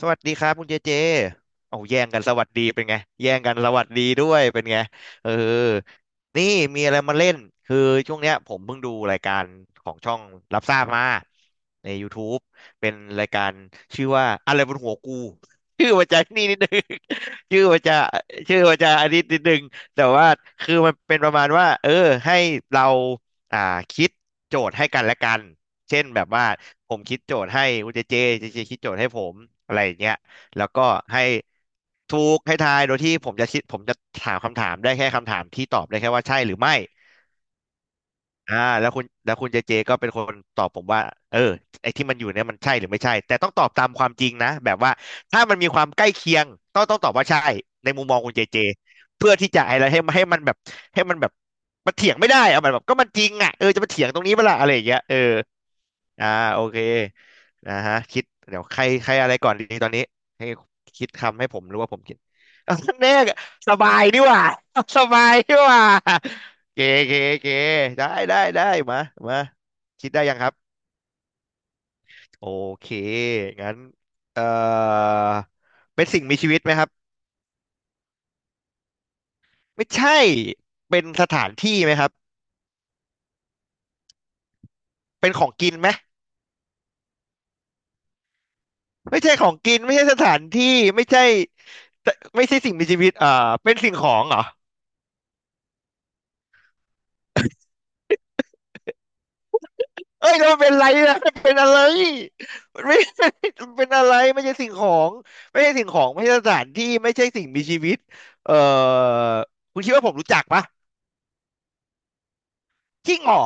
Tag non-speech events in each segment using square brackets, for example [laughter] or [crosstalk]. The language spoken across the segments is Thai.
สวัสดีครับคุณเจเจเอาแย่งกันสวัสดีเป็นไงแย่งกันสวัสดีด้วยเป็นไงเออนี่มีอะไรมาเล่นคือช่วงเนี้ยผมเพิ่งดูรายการของช่องรับทราบมาใน YouTube เป็นรายการชื่อว่าอะไรบนหัวกูชื่อมันจะนี่นิดนึง [laughs] ชื่อมันจะชื่อมันจะอันนี้นิดนึงแต่ว่าคือมันเป็นประมาณว่าให้เราอ่าคิดโจทย์ให้กันและกัน เช่นแบบว่าผมคิดโจทย์ให้คุณเจเจเจเจคิดโจทย์ให้ผมอะไรอย่างเงี้ยแล้วก็ให้ถูกให้ทายโดยที่ผมจะคิดผมจะถามคำถามได้แค่คำถามที่ตอบได้แค่ว่าใช่หรือไม่ อ่าแล้วคุณเจเจก็เป็นคนตอบผมว่าเออไอ้ที่มันอยู่เนี่ยมันใช่หรือไม่ใช่แต่ต้องตอบตามความจริงนะแบบว่าถ้ามันมีความใกล้เคียงต้องตอบว่าใช่ในมุมมองคุณเจเจเพื่อที่จะอะไรให้มันแบบให้มันแบบมันเถียงไม่ได้เอามันแบบก็มันจริงอ่ะเออจะมาเถียงตรงนี้เปะล่าอะไรอย่างเงี้ยเอออ่าโอเคนะฮะคิดเดี๋ยวใครใครอะไรก่อนดีตอนนี้ให้คิดคำให้ผมหรือว่าผมคิด [laughs] เอาแน่สบายนี่หว่า [laughs] สบายนี่หว่า เกเกเกได้ได้ได้มามาคิดได้ยังครับโอเคงั้นเอ่อเป็นสิ่งมีชีวิตไหมครับไม่ใช่เป็นสถานที่ไหมครับเป็นของกินไหมไม่ใช่ของกินไม่ใช่สถานที่ไม่ใช่ไม่ใช่สิ่งมีชีวิตเป็นสิ่งของเหรอ เอ้ยแล้วมันเป็นอะไรนะมันเป็นอะไรมันไม่มัน [laughs] เป็นอะไรไม่ใช่สิ่งของไม่ใช่สิ่งของไม่ใช่สถานที่ไม่ใช่สิ่งมีชีวิตเอ่อคุณคิดว่าผมรู้จักปะจริ้งเหรอ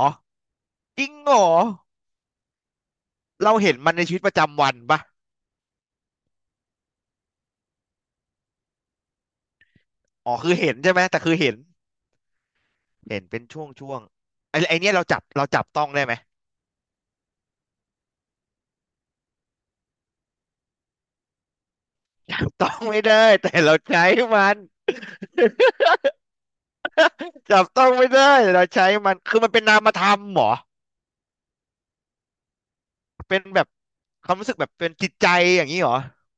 จริ้งเหรอเราเห็นมันในชีวิตประจำวันปะอ๋อคือเห็นใช่ไหมแต่คือเห็นเห็นเป็นช่วงช่วงไอ้เนี้ยเราจับต้องได้ไหมจับต้องไม่ได้แต่เราใช้มันจับต้องไม่ได้แต่เราใช้มันคือมันเป็นนามธรรมเหรอเป็นแบบความรู้สึกแบบเป็นจิตใจอย่างนี้เหรอเป็น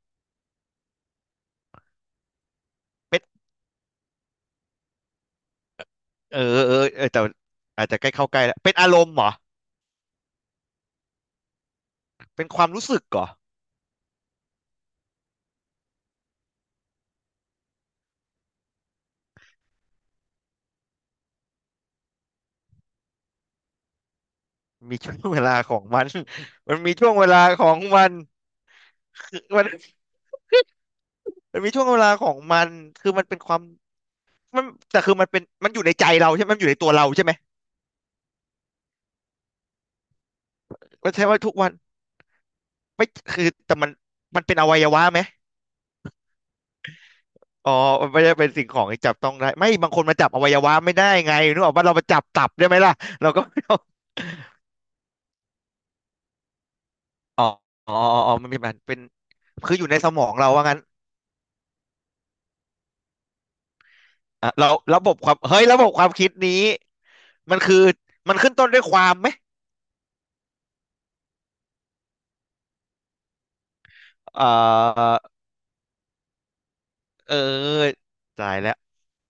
เออเออเออแต่อาจจะใกล้เข้าใกล้แล้วเป็นอารมณ์เหรอเป็นความรู้สึกเหรอมีช่วงเวลาของมัน [laughs] มันมีช่วงเวลาของมันมันมีช่วงเวลาของมันคือมันเป็นความมันแต่คือมันเป็นมันอยู่ในใจเราใช่ไหมมันอยู่ในตัวเราใช่ไหมมันใช่ว่าทุกวันไม่คือแต่มันเป็นอวัยวะไหมอ๋อมันไม่ได้เป็นสิ่งของที่จับต้องได้ไม่บางคนมาจับอวัยวะไม่ได้ไงนึกออกว่าเรามาจับตับได้ไหมล่ะเราก็ไม่เอาอ๋ออ๋ออ๋อมันเป็นคืออยู่ในสมองเราว่างั้น อ่ะเราระบบความเฮ้ยระบบความคิดนี้มันคือมันขึ้นต้นด้วยความไหมเออเออตายแล้ว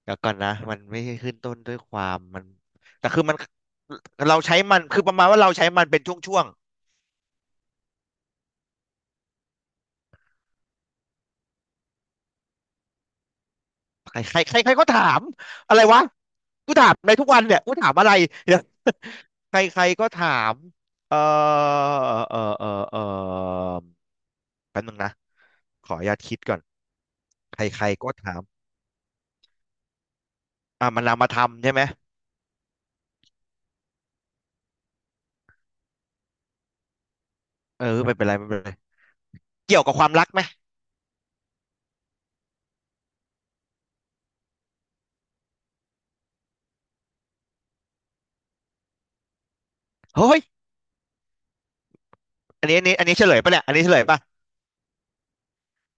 เดี๋ยวก่อนนะมันไม่ใช่ขึ้นต้นด้วยความมันแต่คือมันเราใช้มันคือประมาณว่าเราใช้มันเป็นช่วงๆใครใครใครใครก็ถามอะไรวะกูถามในทุกวันเนี่ยกูถามอะไรเดี๋ยว [laughs] ใครใครก็ถามเออเออเออเออแป๊บนึงนะขออนุญาตคิดก่อนใครใครก็ถามอ่ะมันนามธรรมใช่ไหมเออไม่เป็นไรไม่เป็นไร เกี่ยวกับความรักไหมเฮ้ย อันนี้เฉลยปะเนี่ยอันนี้เฉลยปะ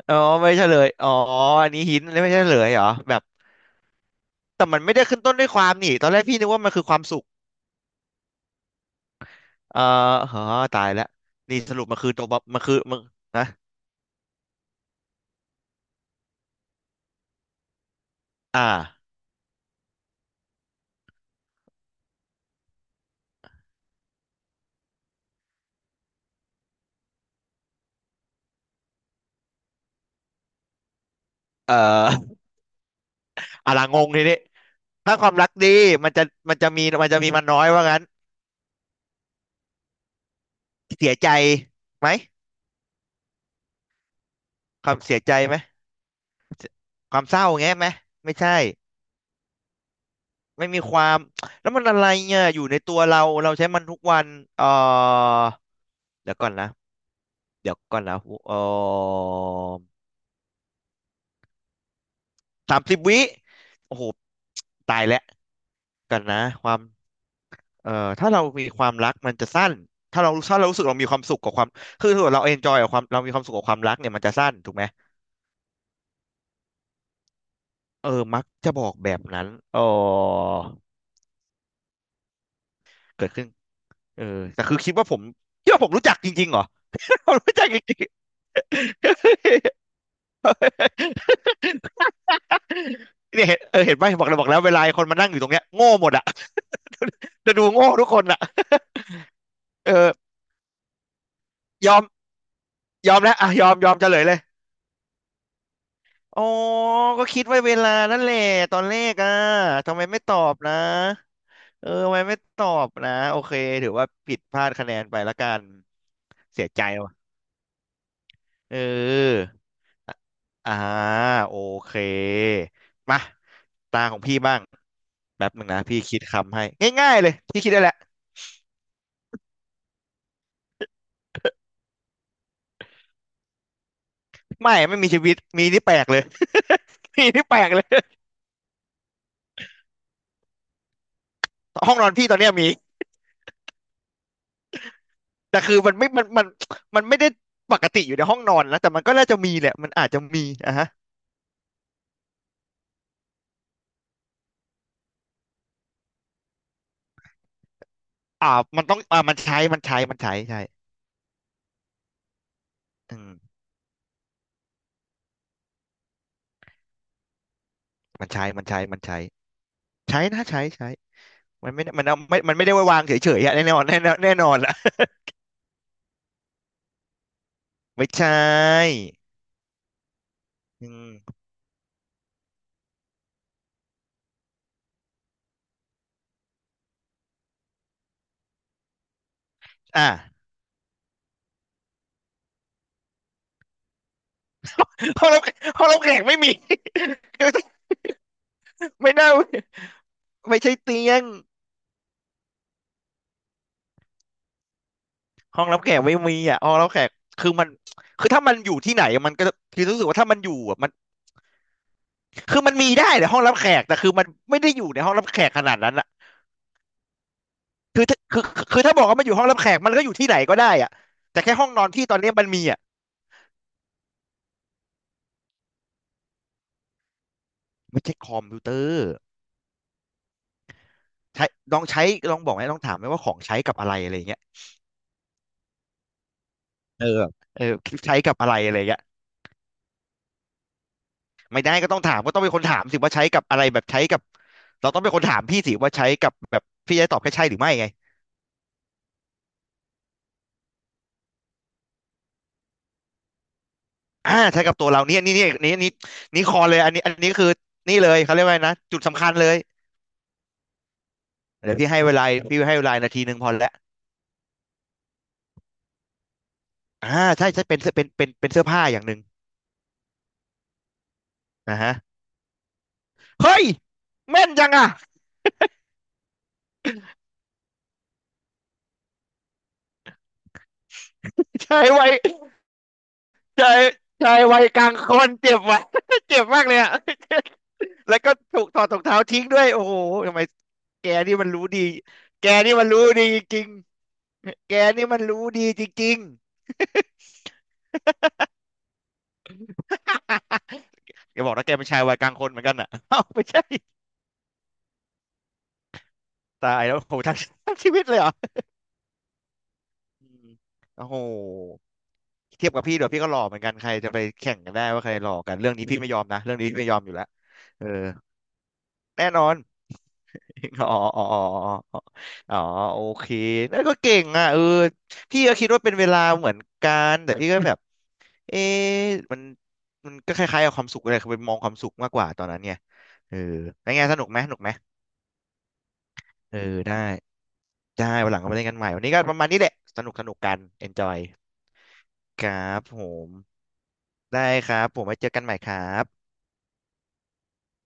อ๋อไม่เฉลยอ๋ออันนี้หินอันนีไม่ใช่เฉลยเหรอแบบแต่มันไม่ได้ขึ้นต้นด้วยความนี่ตอนแรกพี่นึกว่ามันคือความสุขเออเฮ้อตายแล้วนี่สรุปมันคือตัวบมันคือมันนะอ่าเอ่อ [laughs] อะลางงทีนี้ถ้าความรักดีมันจะมันจะมีมันน้อยว่างั้นเสียใจไหมความเสียใจไหมความเศร้าแง่ไหมไม่ใช่ไม่มีความแล้วมันอะไรเนี่ยอยู่ในตัวเราเราใช้มันทุกวันเออ เดี๋ยวก่อนนะเดี๋ยวก่อนนะเออสามสิบวิโอ้โหตายแล้วกันนะความถ้าเรามีความรักมันจะสั้นถ้าเรารู้สึกเรามีความสุขกับความคือถ้าเราเอนจอยกับความเรามีความสุขกับความรักเนี่ยมันจะสั้นถูกไหมเออมักจะบอกแบบนั้นเออเกิดขึ้นเออแต่คือคิดว่าผมรู้จักจริงๆเหรอ [laughs] ผมรู้จักจริงๆ [laughs] เนี่ยเห็นเห็นไหมบอกแล้วเวลาไอ้คนมานั่งอยู่ตรงเนี้ยโง่หมดอะ [laughs] จะดูโง่ทุกคนอ่ะ [laughs] เออยอมยอมแล้วอ่ะยอมเฉลยเลยอ๋อก็คิดไว้เวลานั่นแหละตอนแรกอ่ะทำไมไม่ตอบนะเออทำไมไม่ตอบนะโอเคถือว่าผิดพลาดคะแนนไปละกันเสียใจว่ะเอออ่าโอเค มาตาของพี่บ้างแป๊บหนึ่งนะพี่คิดคำให้ง่ายๆเลยพี่คิดได้แหละไม่ไม่มีชีวิตมีนี่แปลกเลย [laughs] มีนี่แปลกเลย ห้องนอนพี่ตอนเนี้ยมีแต่คือมันมันไม่ได้ปกติอยู่ในห้องนอนนะแต่มันก็น่าจะมีแหละมันอาจจะมีอ่ะฮะอ่ามันต้องมันใช้มันใช้มันใช้ใช่อืมมันใช้ใช้นะใช้ใช้มันไม่ได้มันไม่ได้ไว้วางเฉยๆอะแน่นอนละ [laughs] ไม่ใช่อืมอ่าห้องรับห้องรับแขกไม่มี [laughs] ไม่น่าไม่ใช่เตียงห้องรับแขกไม่มีอ่ะห้องรับแขกคือมันคือถ้ามันอยู่ที่ไหนมันก็คือรู้สึกว่าถ้ามันอยู่อ่ะ คือมันมีได้ในห้องรับแขกแต่คือมันไม่ได้อยู่ในห้องรับแขกขนาดนั้นอะคือถ้าคือคือถ้าบอกว่ามันอยู่ห้องรับแขกมันก็อยู่ที่ไหนก็ได้อะแต่แค่ห้องนอนที่ตอนนี้มันมีอะไม่ใช่คอมพิวเตอร์ใช้ลองใช้ลองถามไหมว่าของใช้กับอะไรอะไรเงี้ยเออแบบเออใช้กับอะไรอะไรเงี้ยไม่ได้ก็ต้องถามก็ต้องเป็นคนถามสิว่าใช้กับอะไรแบบใช้กับเราต้องเป็นคนถามพี่สิว่าใช้กับแบบพี่จะตอบแค่ใช่หรือไม่ไงอ่าใช้กับตัวเราเนี่ยนี่คอเลยอันนี้คือนี่เลยเขาเรียกว่าไงนะจุดสำคัญเลย เดี๋ยวพี่ให้เวลาพี่ให้เวลานาทีหนึ่งพอแล้วอ่าใช่ใช่เป็นเสื้อผ้าอย่างหนึ่งนะฮะเฮ้ยแม่นจังอ่ะชายวัยชายชายวัยกลางคนเจ็บว่ะ [laughs] เจ็บมากเลยอ่ะ [laughs] แล้วก็ถูกถอดรองเท้าทิ้งด้วยโอ้โหทำไมแกนี่มันรู้ดีแกนี่มันรู้ดีจริงๆแกนี่มันรู้ดีจริงๆ [laughs] แกบอกนะแกเป็นชายวัยกลางคนเหมือนกันอ่ะ [laughs] เอ้าไม่ใช่ตายแล้วโอ้โหทั้งชีวิตเลยเหรออืมโอ้โห เทียบกับพี่เดี๋ยวพี่ก็หล่อเหมือนกันใครจะไปแข่งกันได้ว่าใครหล่อกันเรื่องนี้พี่ไม่ยอมนะเรื่องนี้พี่ไม่ยอมอยู่แล้วเออแน่นอน [laughs] อ๋ออ๋ออ๋ออ๋ออ๋อโอเคนั่นก็เก่งอ่ะเออพี่ก็คิดว่าเป็นเวลาเหมือนกันแต่พี่ก็แบบเอ๊ะมันมันก็คล้ายๆกับความสุขเลยคือไปมองความสุขมากกว่าตอนนั้นเนี่ยเออแล้วไงสนุกไหมสนุกไหม เออได้ได้วันหลังก็มาเล่นกันใหม่วันนี้ก็ประมาณนี้แหละสนุกสนุกกัน enjoy ครับผมได้ครับผมไว้เจอกันใหม่ครับ